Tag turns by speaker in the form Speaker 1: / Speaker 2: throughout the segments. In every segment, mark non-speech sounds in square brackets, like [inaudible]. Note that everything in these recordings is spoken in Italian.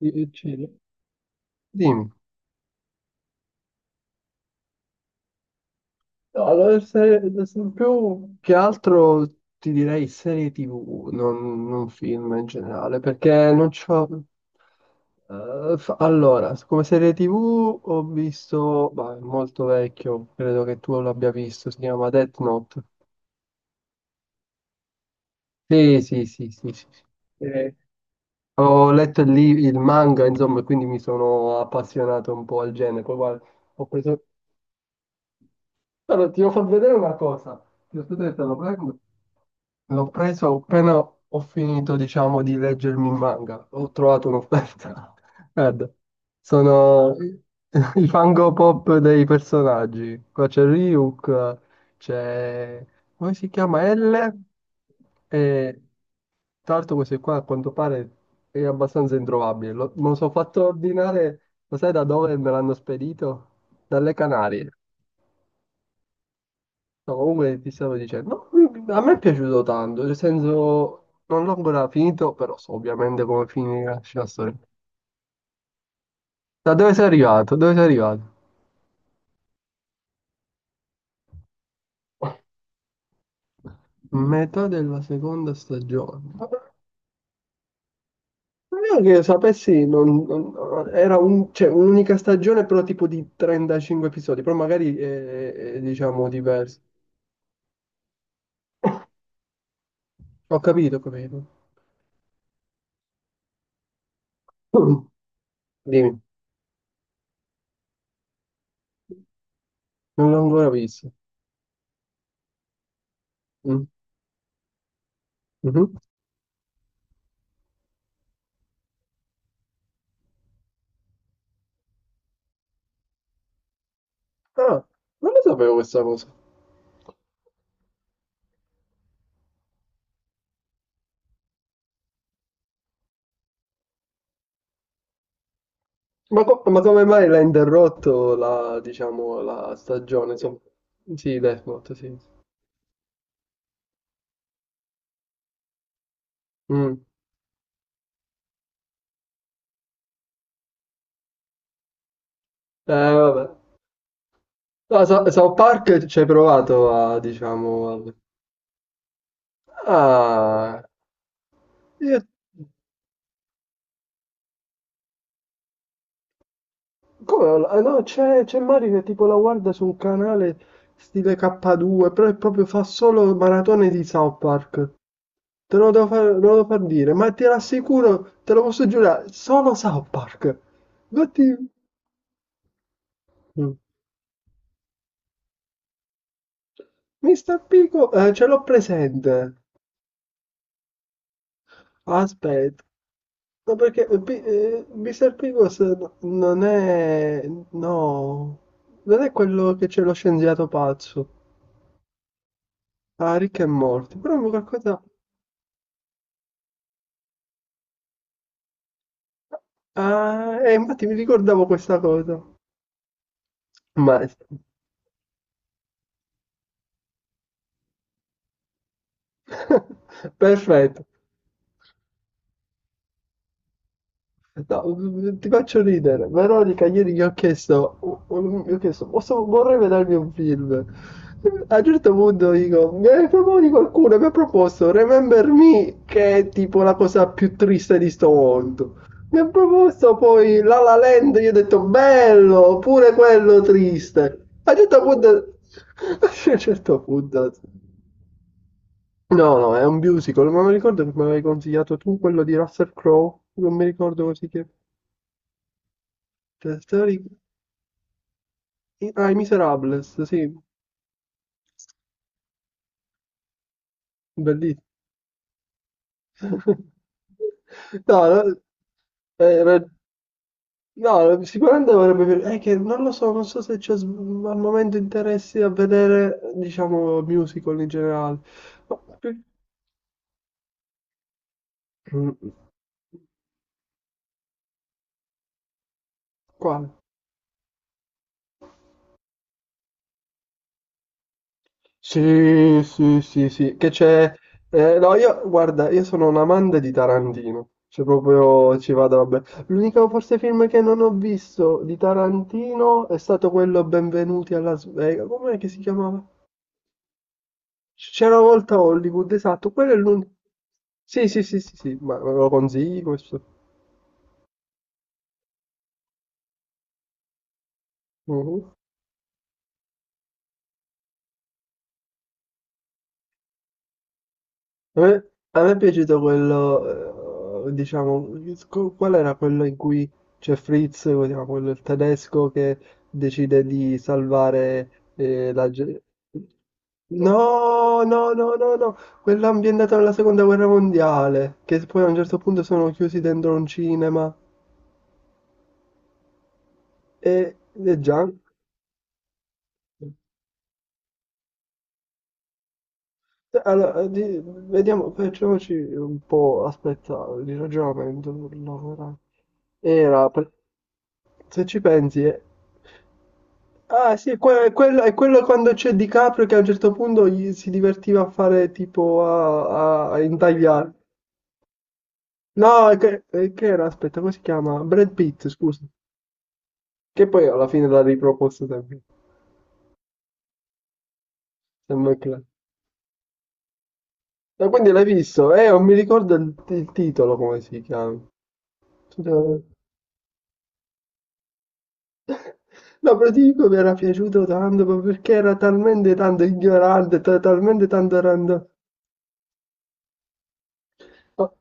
Speaker 1: Uccidi. Dimmi. No, allora, se più che altro ti direi serie TV, non film in generale, perché non c'ho... Allora, come serie TV ho visto, ma è molto vecchio, credo che tu l'abbia visto, si chiama Death Note. Sì, sì, sì, sì, sì. Sì. Eh, Ho letto il manga, insomma, e quindi mi sono appassionato un po' al genere. Poi guarda, ho preso... Allora, ti devo far vedere una cosa. Ti ho detto, te lo prendo. L'ho preso appena ho finito, diciamo, di leggermi il manga. Ho trovato un'offerta. [laughs] Guarda, sono i [laughs] fango pop dei personaggi. Qua c'è Ryuk, c'è... come si chiama? L. E tra l'altro questo qua a quanto pare è abbastanza introvabile. Me lo sono fatto ordinare, lo sai da dove me l'hanno spedito? Dalle Canarie. No, comunque ti stavo dicendo, no, a me è piaciuto tanto, nel senso, non l'ho ancora finito, però so ovviamente come finirà la storia. Da dove sei arrivato? Dove sei arrivato? Metà della seconda stagione. Non che sapessi, cioè, un'unica stagione, però tipo di 35 episodi, però magari è, diciamo diverso. Ho capito, ho capito. Mm, Dimmi, non l'ho ancora visto. Mm. Mhm. Ah, non lo sapevo questa cosa. Ma come mai l'ha interrotto la, diciamo, la stagione? Sì, Death Note, sì. Mm. Vabbè. No, South Park ci hai provato a, diciamo... a- Ah, io- no, c'è Mario che tipo la guarda su un canale stile K2, però è proprio fa solo maratone di South Park. Te lo devo far, te lo devo far dire, ma ti rassicuro, te lo posso giurare, solo South Park. Infatti... Mr. Picos, ce l'ho presente. Aspetta, no, perché Mr. Picos non è... No, non è quello che c'è lo scienziato pazzo. Ah, Rick e Morty, però mi qualcosa... Ah, infatti mi ricordavo questa cosa. Ma... [laughs] Perfetto. No, ti faccio ridere. Veronica, ieri gli ho chiesto, "Posso- vorrei vedermi un film. A un certo punto dico, mi hai proponi qualcuno, mi ha proposto Remember Me, che è tipo la cosa più triste di sto mondo. Mi ha proposto poi La La Land, io ho detto bello, pure quello triste. A un certo punto, [laughs] a un certo punto, no, no, è un musical, ma mi ricordo che mi avevi consigliato tu quello di Russell Crowe, non mi ricordo così che... Toy Story- Ah, i Miserables, sì, bellissimo. [laughs] No, no, era- no, sicuramente avrebbe... piaciuto. È che non lo so, non so se c'è al momento interessi a vedere, diciamo, musical in generale. Ma- Mm. Quale? Sì, sì, sì, sì, che c'è... no, guarda, io sono un amante di Tarantino, cioè proprio ci vado, vabbè. L'unico forse film che non ho visto di Tarantino è stato quello Benvenuti a Las Vegas, com'è che si chiamava? C'era una volta a Hollywood, esatto, quello è l'unico... Sì, sì, sì, sì, sì, ma me lo consigli questo? Mhm. A me, a me è piaciuto quello, diciamo, qual era quello in cui c'è Fritz, diciamo, quello il tedesco che decide di salvare la gente. No, no, no, no, no, quello ambientato nella seconda guerra mondiale, che poi a un certo punto sono chiusi dentro un cinema e, e già... Allora, vediamo, facciamoci un po', aspetta, di ragionamento. Allora. Era, era per- Se ci pensi è... Ah sì, è quello quando c'è DiCaprio che a un certo punto gli si divertiva a fare tipo a intagliare. No, è che, era, aspetta, come si chiama? Brad Pitt, scusa. Che poi alla fine l'ha riproposto sempre. Sempre Clark. Ma quindi l'hai visto? Non mi ricordo il titolo come si chiama. No, però ti dico mi era piaciuto tanto ma perché era talmente tanto ignorante, talmente tanto random. Oh,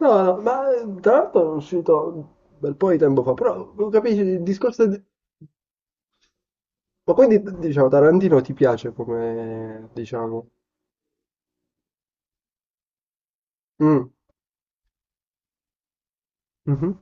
Speaker 1: no, ma tra l'altro è uscito un bel po' di tempo fa, però non capisci il discorso di... Ma quindi, diciamo, Tarantino ti piace come, diciamo... Mm. Mhm.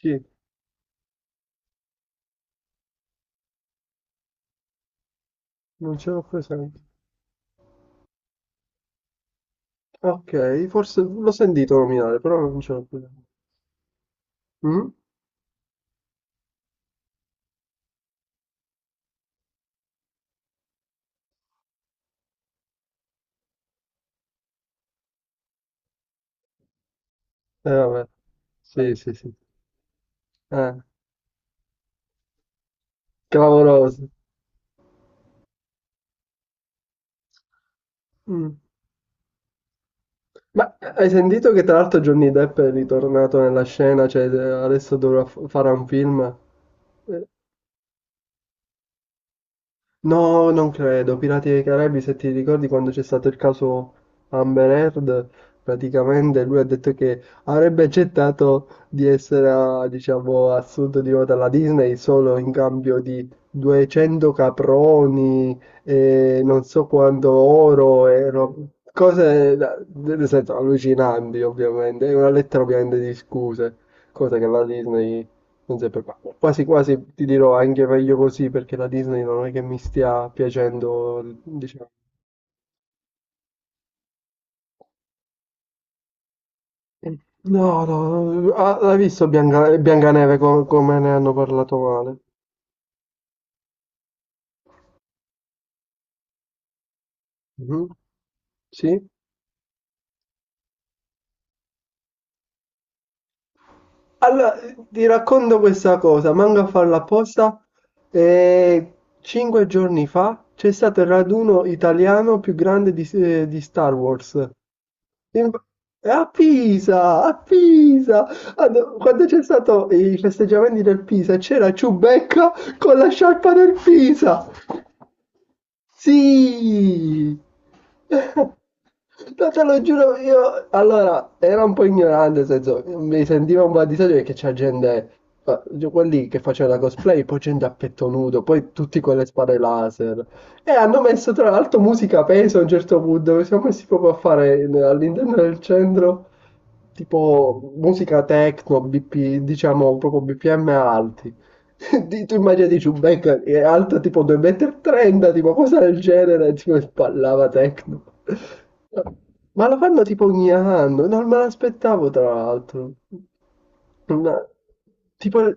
Speaker 1: Sì, non ce l'ho presente. Ok, forse l'ho sentito nominare, però non ce l'ho presente. Mm? Eh vabbè, sì, sì, sì. Eh, Clamoroso. Mm. Ma hai sentito che tra l'altro Johnny Depp è ritornato nella scena, cioè adesso dovrà fare un film? Eh, No, non credo. Pirati dei Caraibi, se ti ricordi quando c'è stato il caso Amber Heard, praticamente lui ha detto che avrebbe accettato di essere, ah, diciamo, assunto di nuovo dalla Disney solo in cambio di 200 caproni e non so quanto oro e cose, nel senso, allucinanti, ovviamente. È una lettera, ovviamente, di scuse, cosa che la Disney non sempre qua. Quasi quasi ti dirò anche meglio così perché la Disney non è che mi stia piacendo, diciamo. No, no, no. Ah, l'hai visto Biancaneve come ne hanno parlato male? Mhm. Sì? Allora, ti racconto questa cosa, manco a farla apposta. E 5 giorni fa c'è stato il raduno italiano più grande di Star Wars. In- A Pisa, a Pisa. Ah, no, quando c'è stato i festeggiamenti del Pisa c'era Ciubecca con la sciarpa del Pisa. Sì, [laughs] no, te lo giuro, io allora era un po' ignorante, nel senso mi sentivo un po' a disagio perché c'è gente, quelli che facevano la cosplay, poi gente a petto nudo, poi tutti con le spade laser. E hanno messo tra l'altro musica a peso a un certo punto, dove siamo messi proprio a fare all'interno del centro tipo musica techno, BP, diciamo proprio BPM alti. [laughs] Tu immaginati Giubecca che è alto tipo 2,30 m, tipo cosa del genere, tipo e ballava techno. Ma lo fanno tipo ogni anno, non me l'aspettavo tra l'altro. Una- Tipo...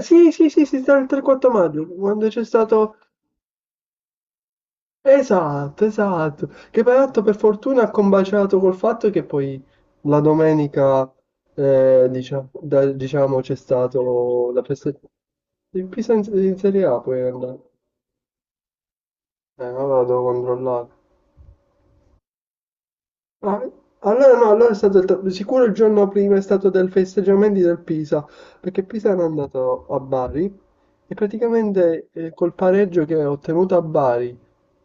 Speaker 1: Sì, sì, sì, sì, tra il 3-4 maggio, quando c'è stato... Esatto, esatto. Che peraltro per fortuna ha combaciato col fatto che poi la domenica, diciamo, c'è stato la prestazione. Il Pisa in Serie A poi è andato. Ora lo devo controllare. Ah, allora no, no, allora è stato sicuro il giorno prima è stato del festeggiamenti del Pisa, perché Pisa era andato a Bari e praticamente col pareggio che ha ottenuto a Bari,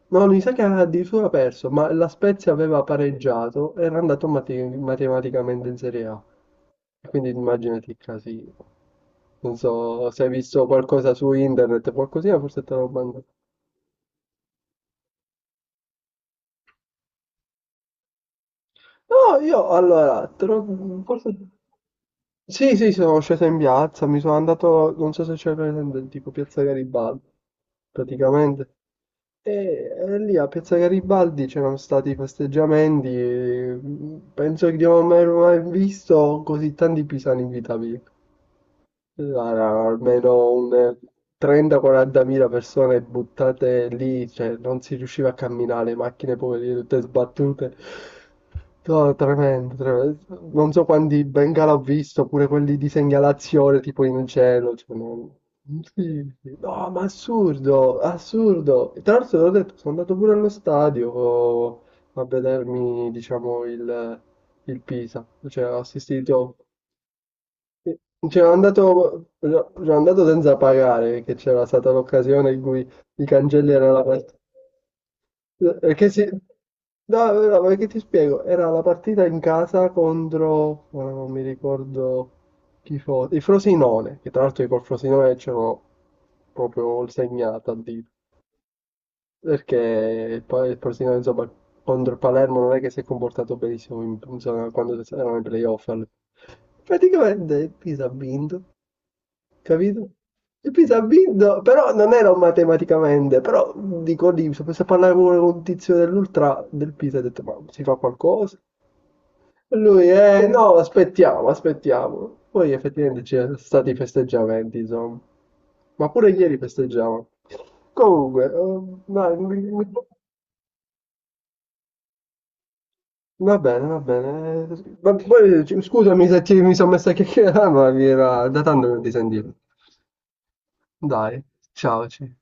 Speaker 1: no, mi sa che aveva addirittura perso, ma la Spezia aveva pareggiato, era andato matematicamente in Serie A, quindi immaginati il casino. Non so se hai visto qualcosa su internet, qualcosina, forse te l'ho mandato. No, io allora, forse. Sì, sì, sì, sono sceso in piazza, mi sono andato, non so se c'è presente, tipo Piazza Garibaldi, praticamente. E lì a Piazza Garibaldi c'erano stati festeggiamenti, e penso che di non aver mai visto così tanti pisani in vita mia. Guarda, almeno un 30-40.000 persone buttate lì, cioè non si riusciva a camminare, le macchine poverine tutte sbattute. No, tremendo, tremendo. Non so quanti Bengala ho visto, pure quelli di segnalazione tipo in cielo. Cioè, no, sì, sì. No, ma assurdo, assurdo. E tra l'altro, te l'ho detto, sono andato pure allo stadio a vedermi, diciamo, il Pisa. Cioè, ho assistito. Sì, c'era andato senza pagare, che c'era stata l'occasione in cui i cancelli erano la partita. Perché si... No, no, no, perché ti spiego, era la partita in casa contro, ora non mi ricordo chi fosse, il Frosinone, che tra l'altro io col Frosinone c'ero proprio segnato a dito, perché il Frosinone insomma contro il Palermo non è che si è comportato benissimo insomma, quando erano i playoff. Praticamente Pisa ha vinto. Capito? E poi ha vinto, però non ero matematicamente, però dico lì, se posso parlare pure con un tizio dell'ultra del Pisa, ho detto, ma si fa qualcosa? E lui, eh no, aspettiamo, aspettiamo. Poi effettivamente c'erano stati i festeggiamenti, insomma, ma pure ieri festeggiavano. Comunque, dai, va bene, va bene. Ma poi, scusami se mi sono messo a chiacchierare, ma mi era da tanto che non ti sentivo. Dai, ciao.